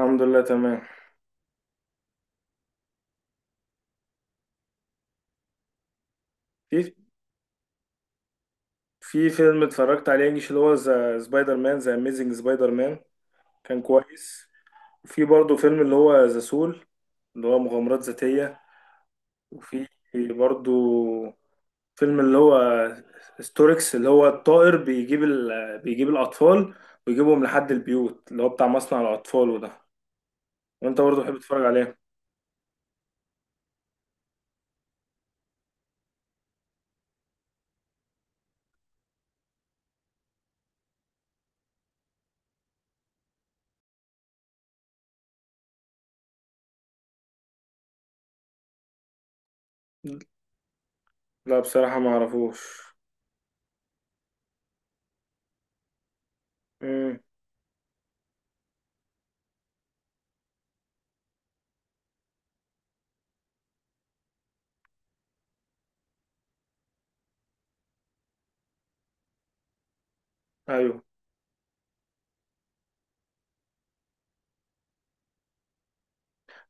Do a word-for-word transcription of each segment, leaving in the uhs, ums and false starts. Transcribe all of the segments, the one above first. الحمد لله تمام. في في فيلم اتفرجت عليه انجلش اللي هو ذا سبايدر مان، ذا اميزنج سبايدر مان، كان كويس. وفي برضه فيلم اللي هو ذا سول، اللي هو مغامرات ذاتية. وفي برضه فيلم اللي هو ستوركس، اللي هو الطائر بيجيب ال... بيجيب الأطفال ويجيبهم لحد البيوت، اللي هو بتاع مصنع الأطفال وده. وانت برضه بتحب تتفرج عليه؟ لا بصراحة ما اعرفوش. امم ايوه،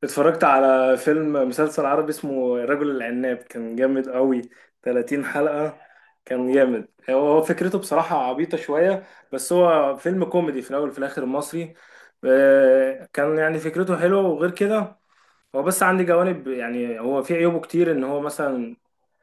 اتفرجت على فيلم مسلسل عربي اسمه الرجل العناب، كان جامد قوي، ثلاثين حلقة. كان جامد. هو هو فكرته بصراحة عبيطة شوية، بس هو فيلم كوميدي في الأول وفي الآخر مصري. آه، كان يعني فكرته حلوة. وغير كده هو بس عندي جوانب، يعني هو في عيوبه كتير، ان هو مثلا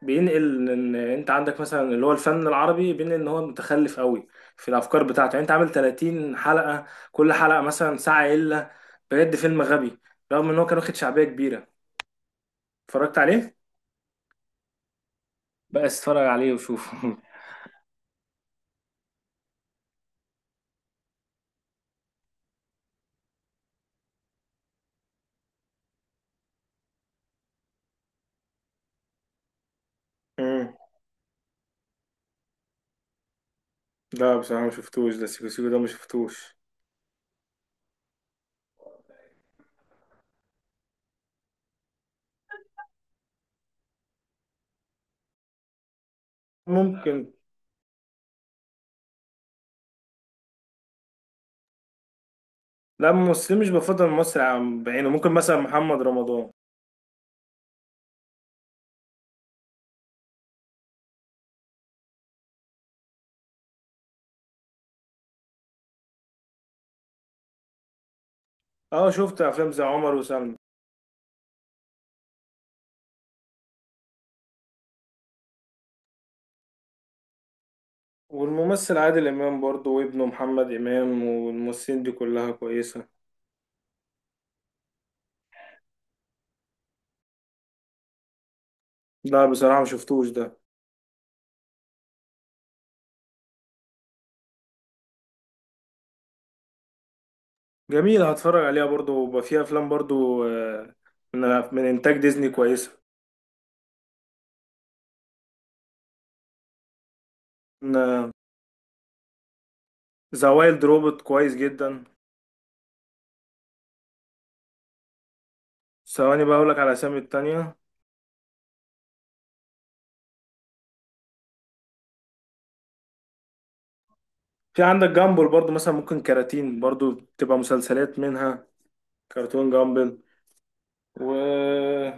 بينقل ان انت عندك مثلا اللي هو الفن العربي، بين ان هو متخلف قوي في الافكار بتاعته. يعني انت عامل ثلاثين حلقة، كل حلقة مثلا ساعة الا، بجد فيلم غبي، رغم ان هو كان واخد شعبية كبيرة. اتفرجت عليه، بقى اتفرج عليه وشوفه. امم لا بصراحة ما شفتوش ده، سيكو سيكو ده ما شفتوش. ممكن. لا ممثل مش بفضل مصر عن بعينه، ممكن مثلا محمد رمضان. اه شفت افلام زي عمر وسلمى. والممثل عادل امام برضه وابنه محمد امام، والممثلين دي كلها كويسه. لا بصراحه ما شفتوش ده. جميل، هتفرج عليها برضه. وبقى فيها افلام برضه آه، من من انتاج ديزني كويسه. ذا وايلد روبوت كويس جدا. ثواني بقى اقولك على اسامي التانية. في عندك جامبل برضه، مثلا ممكن كراتين برضه تبقى مسلسلات منها. كرتون جامبل. و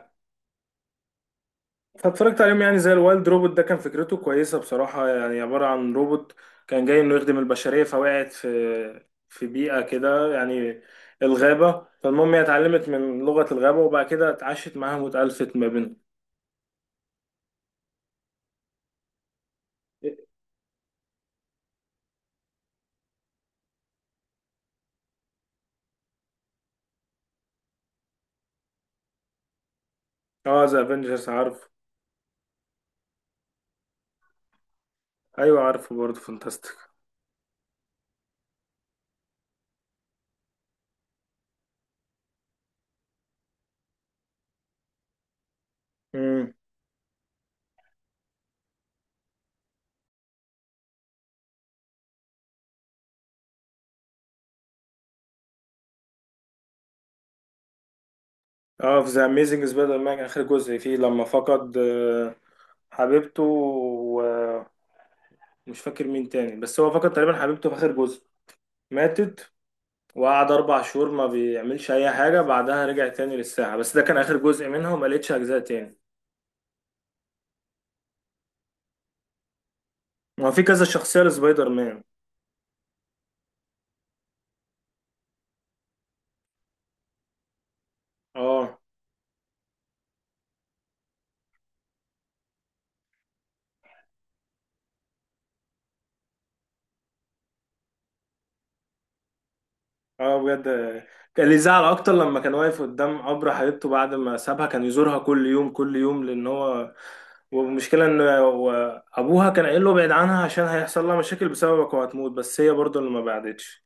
فاتفرجت عليهم، يعني زي الوايلد روبوت ده كان فكرته كويسة بصراحة. يعني عبارة عن روبوت كان جاي انه يخدم البشرية، فوقعت في في بيئة كده، يعني الغابة. فالمهم هي اتعلمت من لغة الغابة، وبعد كده اتعاشت معاهم واتألفت ما بينهم. اه ذا افنجرز عارف. ايوه عارفه برضه فانتاستيك. امم. اه في ذا اميزنج سبايدر مان اخر جزء فيه لما فقد آه، حبيبته، ومش فاكر مين تاني، بس هو فقد تقريبا حبيبته في اخر جزء. ماتت، وقعد أربع شهور ما بيعملش أي حاجة. بعدها رجع تاني للساحة، بس ده كان آخر جزء منها وما لقيتش أجزاء تاني. ما في كذا شخصية لسبايدر مان. اه. اه بجد. كان اللي زعل أكتر لما كان واقف قدام قبر حبيبته بعد ما سابها، كان يزورها كل يوم كل يوم لأن هو، والمشكلة إن هو أبوها كان قايل له ابعد عنها عشان هيحصل لها مشاكل بسببك وهتموت، بس هي برضه اللي ما بعدتش.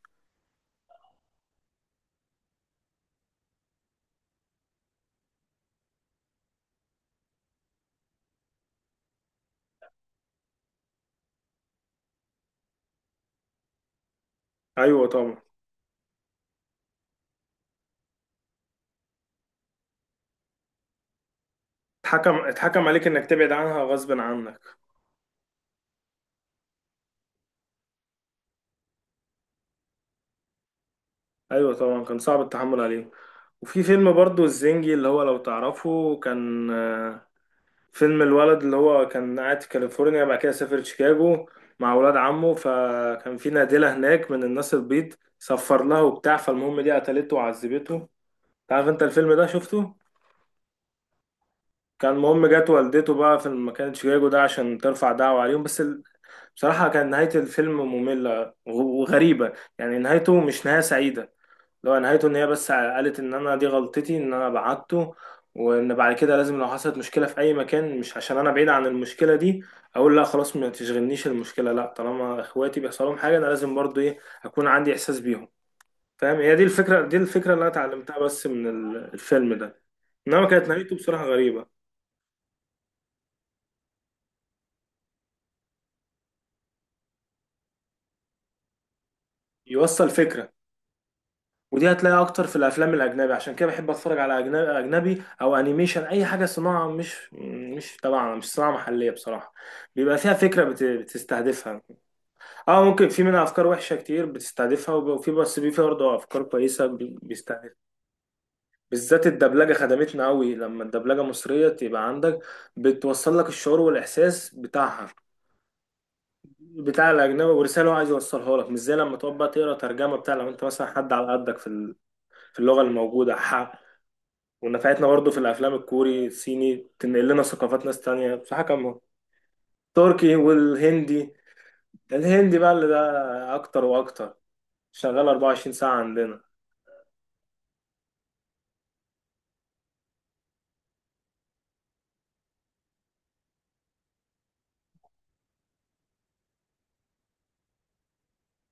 أيوه طبعا. اتحكم اتحكم عليك إنك تبعد عنها غصب عنك. أيوه طبعا كان صعب التحمل عليه. وفي فيلم برضو الزنجي، اللي هو لو تعرفه، كان آه، فيلم الولد اللي هو كان قاعد في كاليفورنيا، بعد كده سافر شيكاغو مع ولاد عمه. فكان في نادلة هناك من الناس البيض، سفر لها وبتاع، فالمهم دي قتلته وعذبته. تعرف انت الفيلم ده شفته؟ كان المهم جت والدته بقى في مكان شيكاغو ده عشان ترفع دعوة عليهم، بس ال- بصراحة كان نهاية الفيلم مملة وغ- وغريبة. يعني نهايته مش نهاية سعيدة. لو نهايته ان هي بس قالت ان انا دي غلطتي ان انا بعته، وان بعد كده لازم لو حصلت مشكله في اي مكان مش عشان انا بعيد عن المشكله دي اقول لا خلاص ما تشغلنيش المشكله. لا طالما اخواتي بيحصل لهم حاجه انا لازم برضو ايه، اكون عندي احساس بيهم. فاهم؟ هي دي الفكره، دي الفكره اللي انا اتعلمتها بس من ال- الفيلم ده. انما كانت نهايته بصراحه غريبه. يوصل فكره. ودي هتلاقيها اكتر في الافلام الاجنبي، عشان كده بحب اتفرج على اجنبي، اجنبي او انيميشن اي حاجه صناعه مش مش طبعا مش صناعه محليه بصراحه. بيبقى فيها فكره بت- بتستهدفها. اه ممكن في منها افكار وحشه كتير بتستهدفها، وب- وفي بس بي- في برضه افكار كويسه بي- بيستهدفها. بالذات الدبلجه خدمتنا قوي، لما الدبلجه مصريه تبقى عندك بتوصل لك الشعور والاحساس بتاعها بتاع الاجنبي، ورساله هو عايز يوصلها لك، مش زي لما تقعد بقى تقرا ترجمه بتاع لو انت مثلا حد على قدك في ال- في اللغه الموجوده. ونفعتنا برضو في الافلام الكوري الصيني، تنقل لنا ثقافات ناس تانية بصراحة كم. تركي والهندي، الهندي بقى اللي ده اكتر واكتر، شغال أربعة وعشرين ساعة عندنا.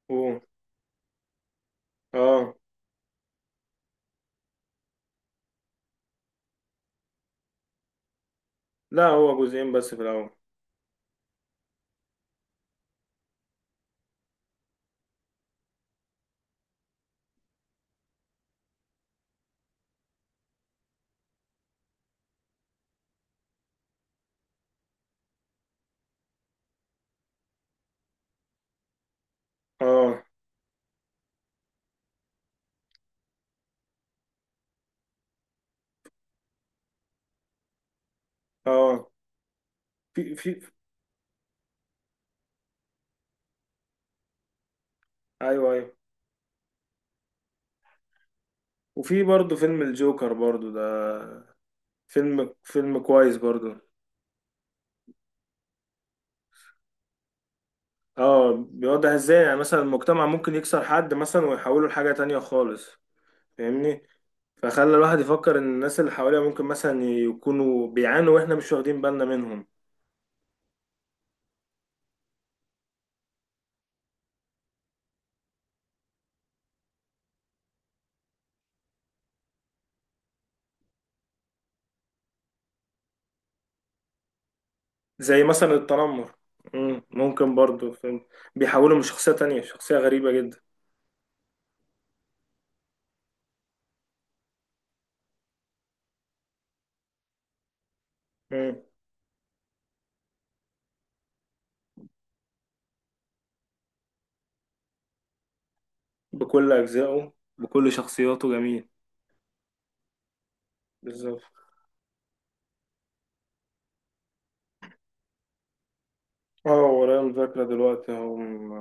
و... اه لا هو جزئين بس في الاول. اه. اه. في في ايوه ايوه. وفي برضو فيلم الجوكر برضو ده، فيلم فيلم كويس برضو. اه بيوضح ازاي يعني مثلا المجتمع ممكن يكسر حد مثلا ويحوله لحاجة تانية خالص. فاهمني؟ فخلى الواحد يفكر ان الناس اللي حواليه ممكن مثلا يكونوا بيعانوا واحنا مش واخدين بالنا منهم. زي مثلا التنمر. مم، ممكن برضو، فاهم؟ بيحولوا من شخصية تانية شخصية غريبة جدا. مم، بكل أجزائه بكل شخصياته جميل. بالظبط. اه ورايا مذاكرة دلوقتي. هم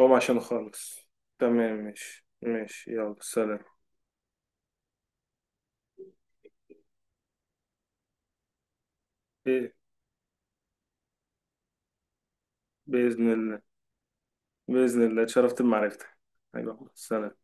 هم عشان خالص. تمام، ماشي ماشي، يلا سلام. إيه؟ بإذن الله. بإذن الله، اتشرفت بمعرفتك. أيوة سلام.